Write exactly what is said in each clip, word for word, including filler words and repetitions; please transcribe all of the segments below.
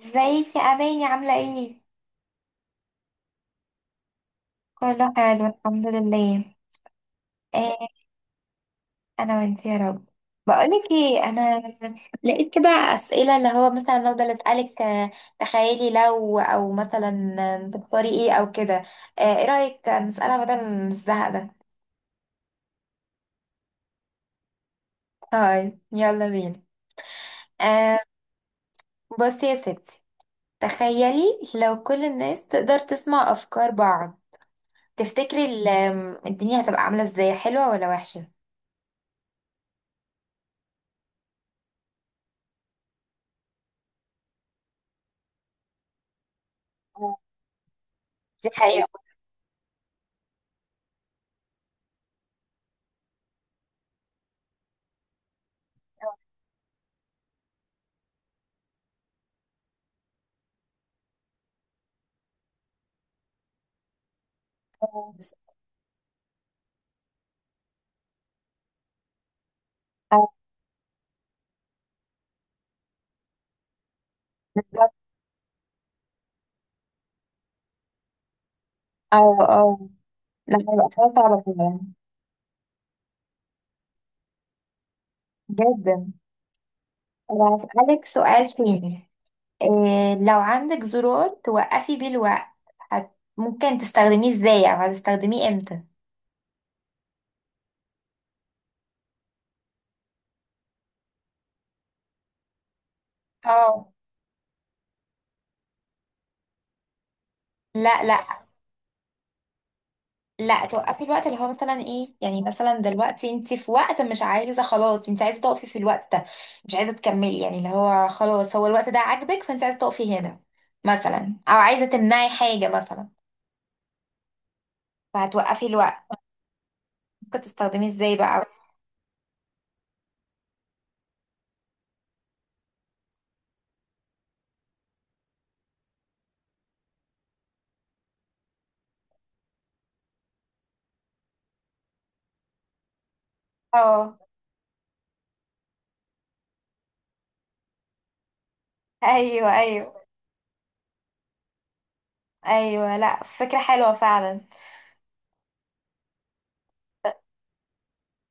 ازيك يا اماني؟ عامله ايه؟ كله حلو الحمد لله. ايه. انا وانت يا رب. بقولك ايه، انا لقيت كده اسئله اللي هو مثلا افضل اسالك آه، تخيلي لو او مثلا آه، تختاري ايه او كده، آه، ايه رايك نسالها بدل الزهق ده؟ هاي، يلا بينا. آه، بصي يا ستي، تخيلي لو كل الناس تقدر تسمع افكار بعض، تفتكري ال- الدنيا هتبقى عامله ازاي، حلوه ولا وحشه؟ دي حقيقة. بالظبط. اه اه. لا، هيبقى حاجة صعبة فعلا. جدا. طب هسألك سؤال تاني. إيه لو عندك زرار توقفي بيه الوقت؟ هت... ممكن تستخدميه ازاي، او هتستخدميه امتى؟ اه. لا لا لا، توقفي الوقت اللي هو مثلا ايه، يعني مثلا دلوقتي انت في وقت مش عايزة، خلاص انت عايزة تقفي في الوقت ده، مش عايزة تكملي، يعني اللي هو خلاص هو الوقت ده عاجبك فانت عايزة تقفي هنا مثلا، او عايزة تمنعي حاجة مثلا، فهتوقفي الوقت. ممكن تستخدميه ازاي بقى؟ اه. ايوه ايوه. ايوه، لا فكره حلوه فعلا.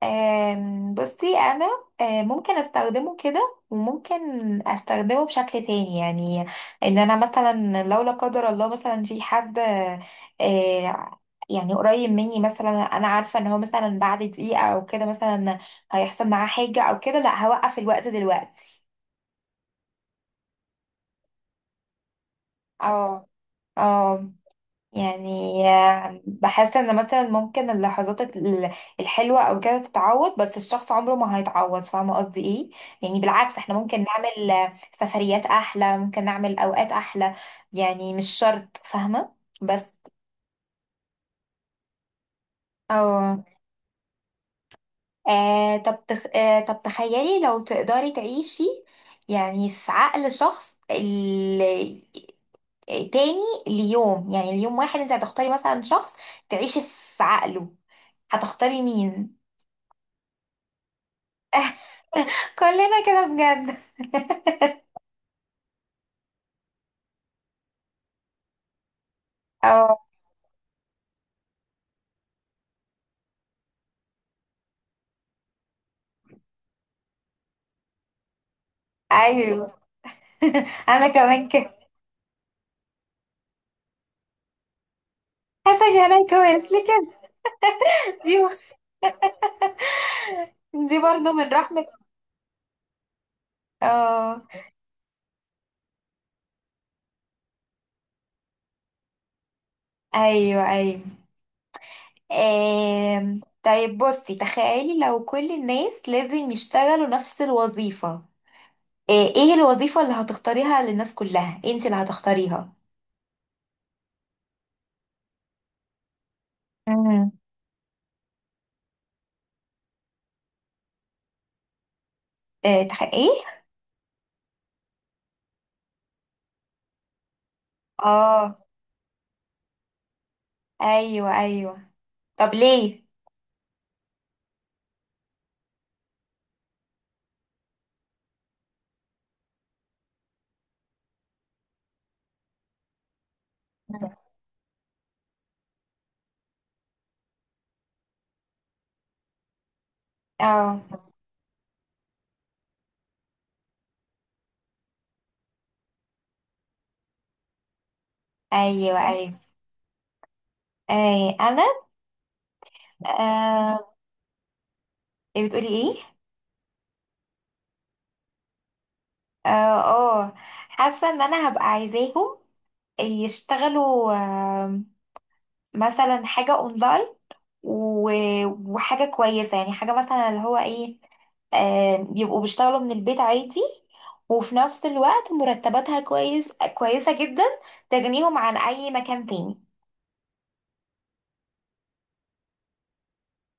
آم، بصي انا، آه، ممكن استخدمه كده وممكن استخدمه بشكل تاني، يعني ان انا مثلا لو لا قدر الله مثلا في حد آه، يعني قريب مني مثلا، انا عارفه ان هو مثلا بعد دقيقه او كده مثلا هيحصل معاه حاجه او كده، لا هوقف الوقت دلوقتي. اه اه. يعني آه، بحس ان مثلا ممكن اللحظات ال- الحلوه او كده تتعوض، بس الشخص عمره ما هيتعوض، فاهمه قصدي ايه؟ يعني بالعكس احنا ممكن نعمل آه، سفريات احلى، ممكن نعمل اوقات احلى، يعني مش شرط، فاهمه؟ بس اه. آه، طب تخ... آه، طب تخيلي لو تقدري تعيشي يعني في عقل شخص ال... تاني ليوم، يعني اليوم واحد انت هتختاري مثلا شخص تعيشي في عقله، هتختاري مين؟ كلنا كده بجد. اه. ايوه. انا كمان كده. حسن يا ليك، كويس ليه كده؟ دي مش، دي برضه من رحمة. اه. ايوه ايوه. آم. طيب بصي، تخيلي لو كل الناس لازم يشتغلوا نفس الوظيفة، آه، ايه الوظيفة اللي هتختاريها للناس كلها؟ انت اللي هتختاريها؟ امم. آه، تخ... ايه؟ اه. ايوه ايوه. طب ليه؟ اه. ايوه ايوه. آه، انا آه... إيه، بتقولي ايه؟ اه. آه. حاسه ان انا هبقى عايزاهم يشتغلوا آه، مثلا حاجه اونلاين و- وحاجه كويسه، يعني حاجه مثلا اللي هو ايه، آه، يبقوا بيشتغلوا من البيت عادي، وفي نفس الوقت مرتباتها كويس كويسه جدا، تغنيهم عن اي مكان تاني.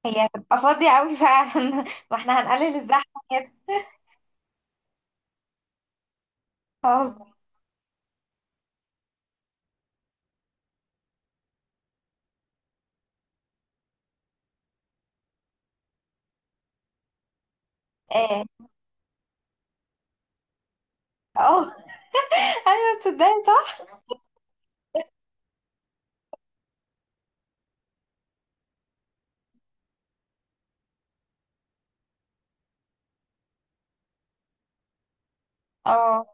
هي هتبقى فاضيه قوي فعلا واحنا هنقلل الزحمه كده. اه اه. آه. ايوه، بتصدقي صح. اه.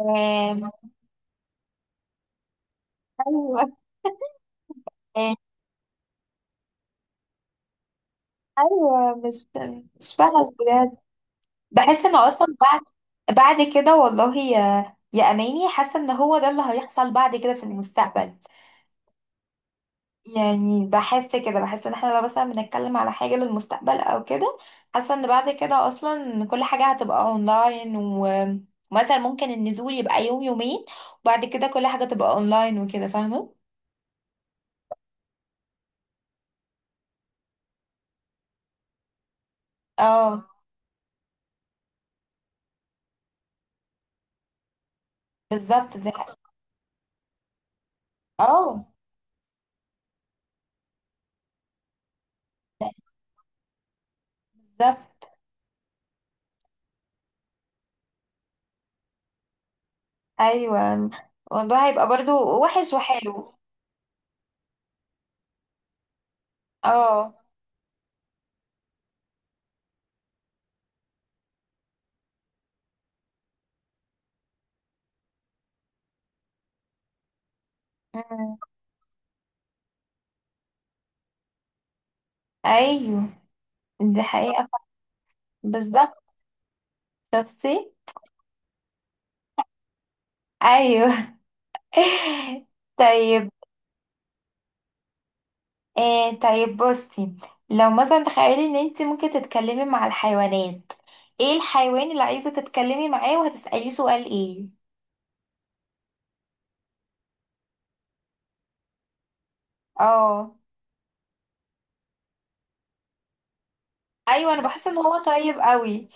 آم. ايوه ايوه. مش مش بلد بجد، بحس انه اصلا بعد، بعد كده والله يا يا اماني، حاسه ان هو ده اللي هيحصل بعد كده في المستقبل. يعني بحس كده، بحس ان احنا لو مثلا بنتكلم على حاجه للمستقبل او كده، حاسه ان بعد كده اصلا كل حاجه هتبقى اونلاين و- ومثلا ممكن النزول يبقى يوم يومين، وبعد كده كل حاجه تبقى اونلاين وكده، فاهمه؟ اه، بالظبط ده. اه، بالظبط. ايوه، الموضوع هيبقى برضو وحش وحلو. اه. أمم. ايوه، دي حقيقة. بالظبط. شفتي؟ ايوه. طيب. آه طيب بصي، لو مثلا تخيلي ان انت ممكن تتكلمي مع الحيوانات، ايه الحيوان اللي عايزة تتكلمي معاه؟ وهتسأليه سؤال ايه؟ اه، ايوه، انا بحس ان هو طيب قوي.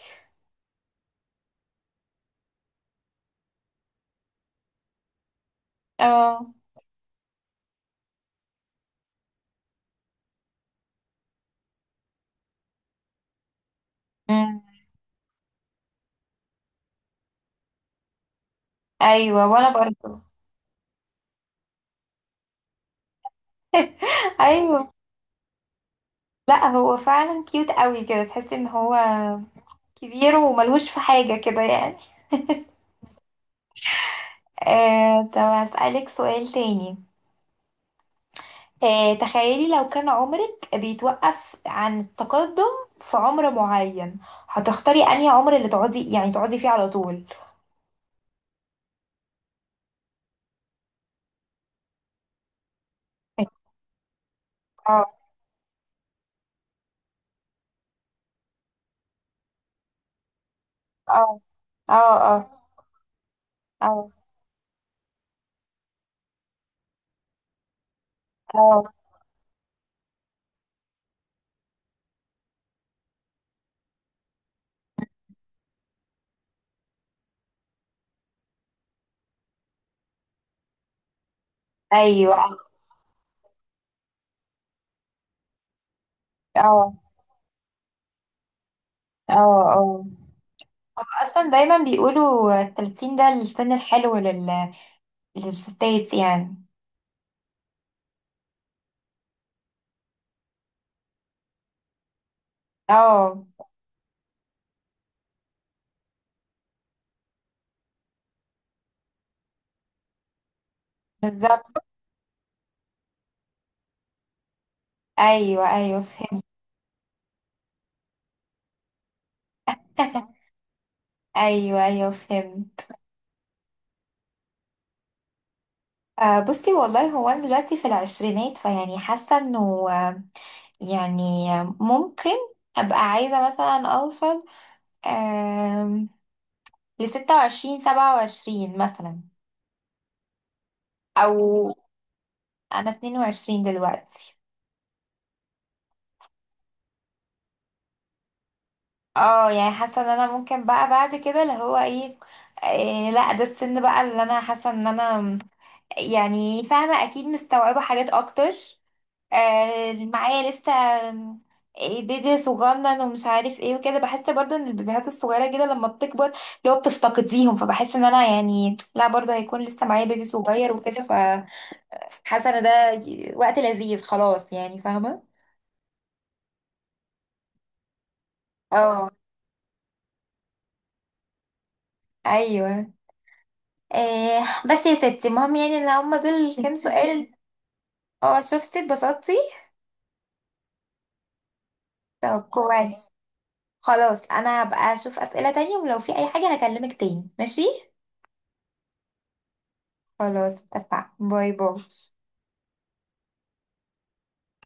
اه. أمم. ايوه، وانا برضه. ايوه. لا هو فعلا كيوت قوي كده، تحسي ان هو كبير وملهوش في حاجة كده يعني. آه، طب هسألك سؤال تاني. آه، تخيلي لو كان عمرك بيتوقف عن التقدم في عمر معين، هتختاري أنهي عمر اللي تقعدي، يعني تقعدي فيه على طول؟ اه اه. اه اه. اه اه. ايوه اه اه. اه آه. اصلا دايما بيقولوا التلاتين ده السن الحلو لل... للستات يعني. اه، بالظبط. ايوه ايوه فهمت. ايوه ايوه فهمت. آه، بصي والله، هو انا دلوقتي في العشرينات، فيعني حاسه انه آه، يعني آه، ممكن ابقى عايزه مثلا اوصل آم، ل ست وعشرين سبعة وعشرين مثلا. او، انا اتنين وعشرين دلوقتي. اه، يعني حاسه ان انا ممكن بقى بعد كده اللي هو ايه، آه، لا ده السن بقى اللي انا حاسه ان انا يعني فاهمه، اكيد مستوعبه حاجات اكتر، آه، معايا لسه آم، إيه بيبي صغنن ومش عارف ايه وكده، بحس برضه ان البيبيهات الصغيره كده لما بتكبر اللي هو بتفتقديهم، فبحس ان انا يعني لا برضه هيكون لسه معايا بيبي صغير وكده، فحاسه ان ده ي- وقت لذيذ خلاص، يعني فاهمه؟ اه. ايوه. آه، بس يا ستي المهم، يعني ان هما دول كام سؤال. اه، شفتي؟ اتبسطتي؟ طب كويس. خلاص، انا هبقى اشوف اسئله تانية، ولو في اي حاجه هكلمك تاني، ماشي؟ خلاص اتفقنا. باي باي.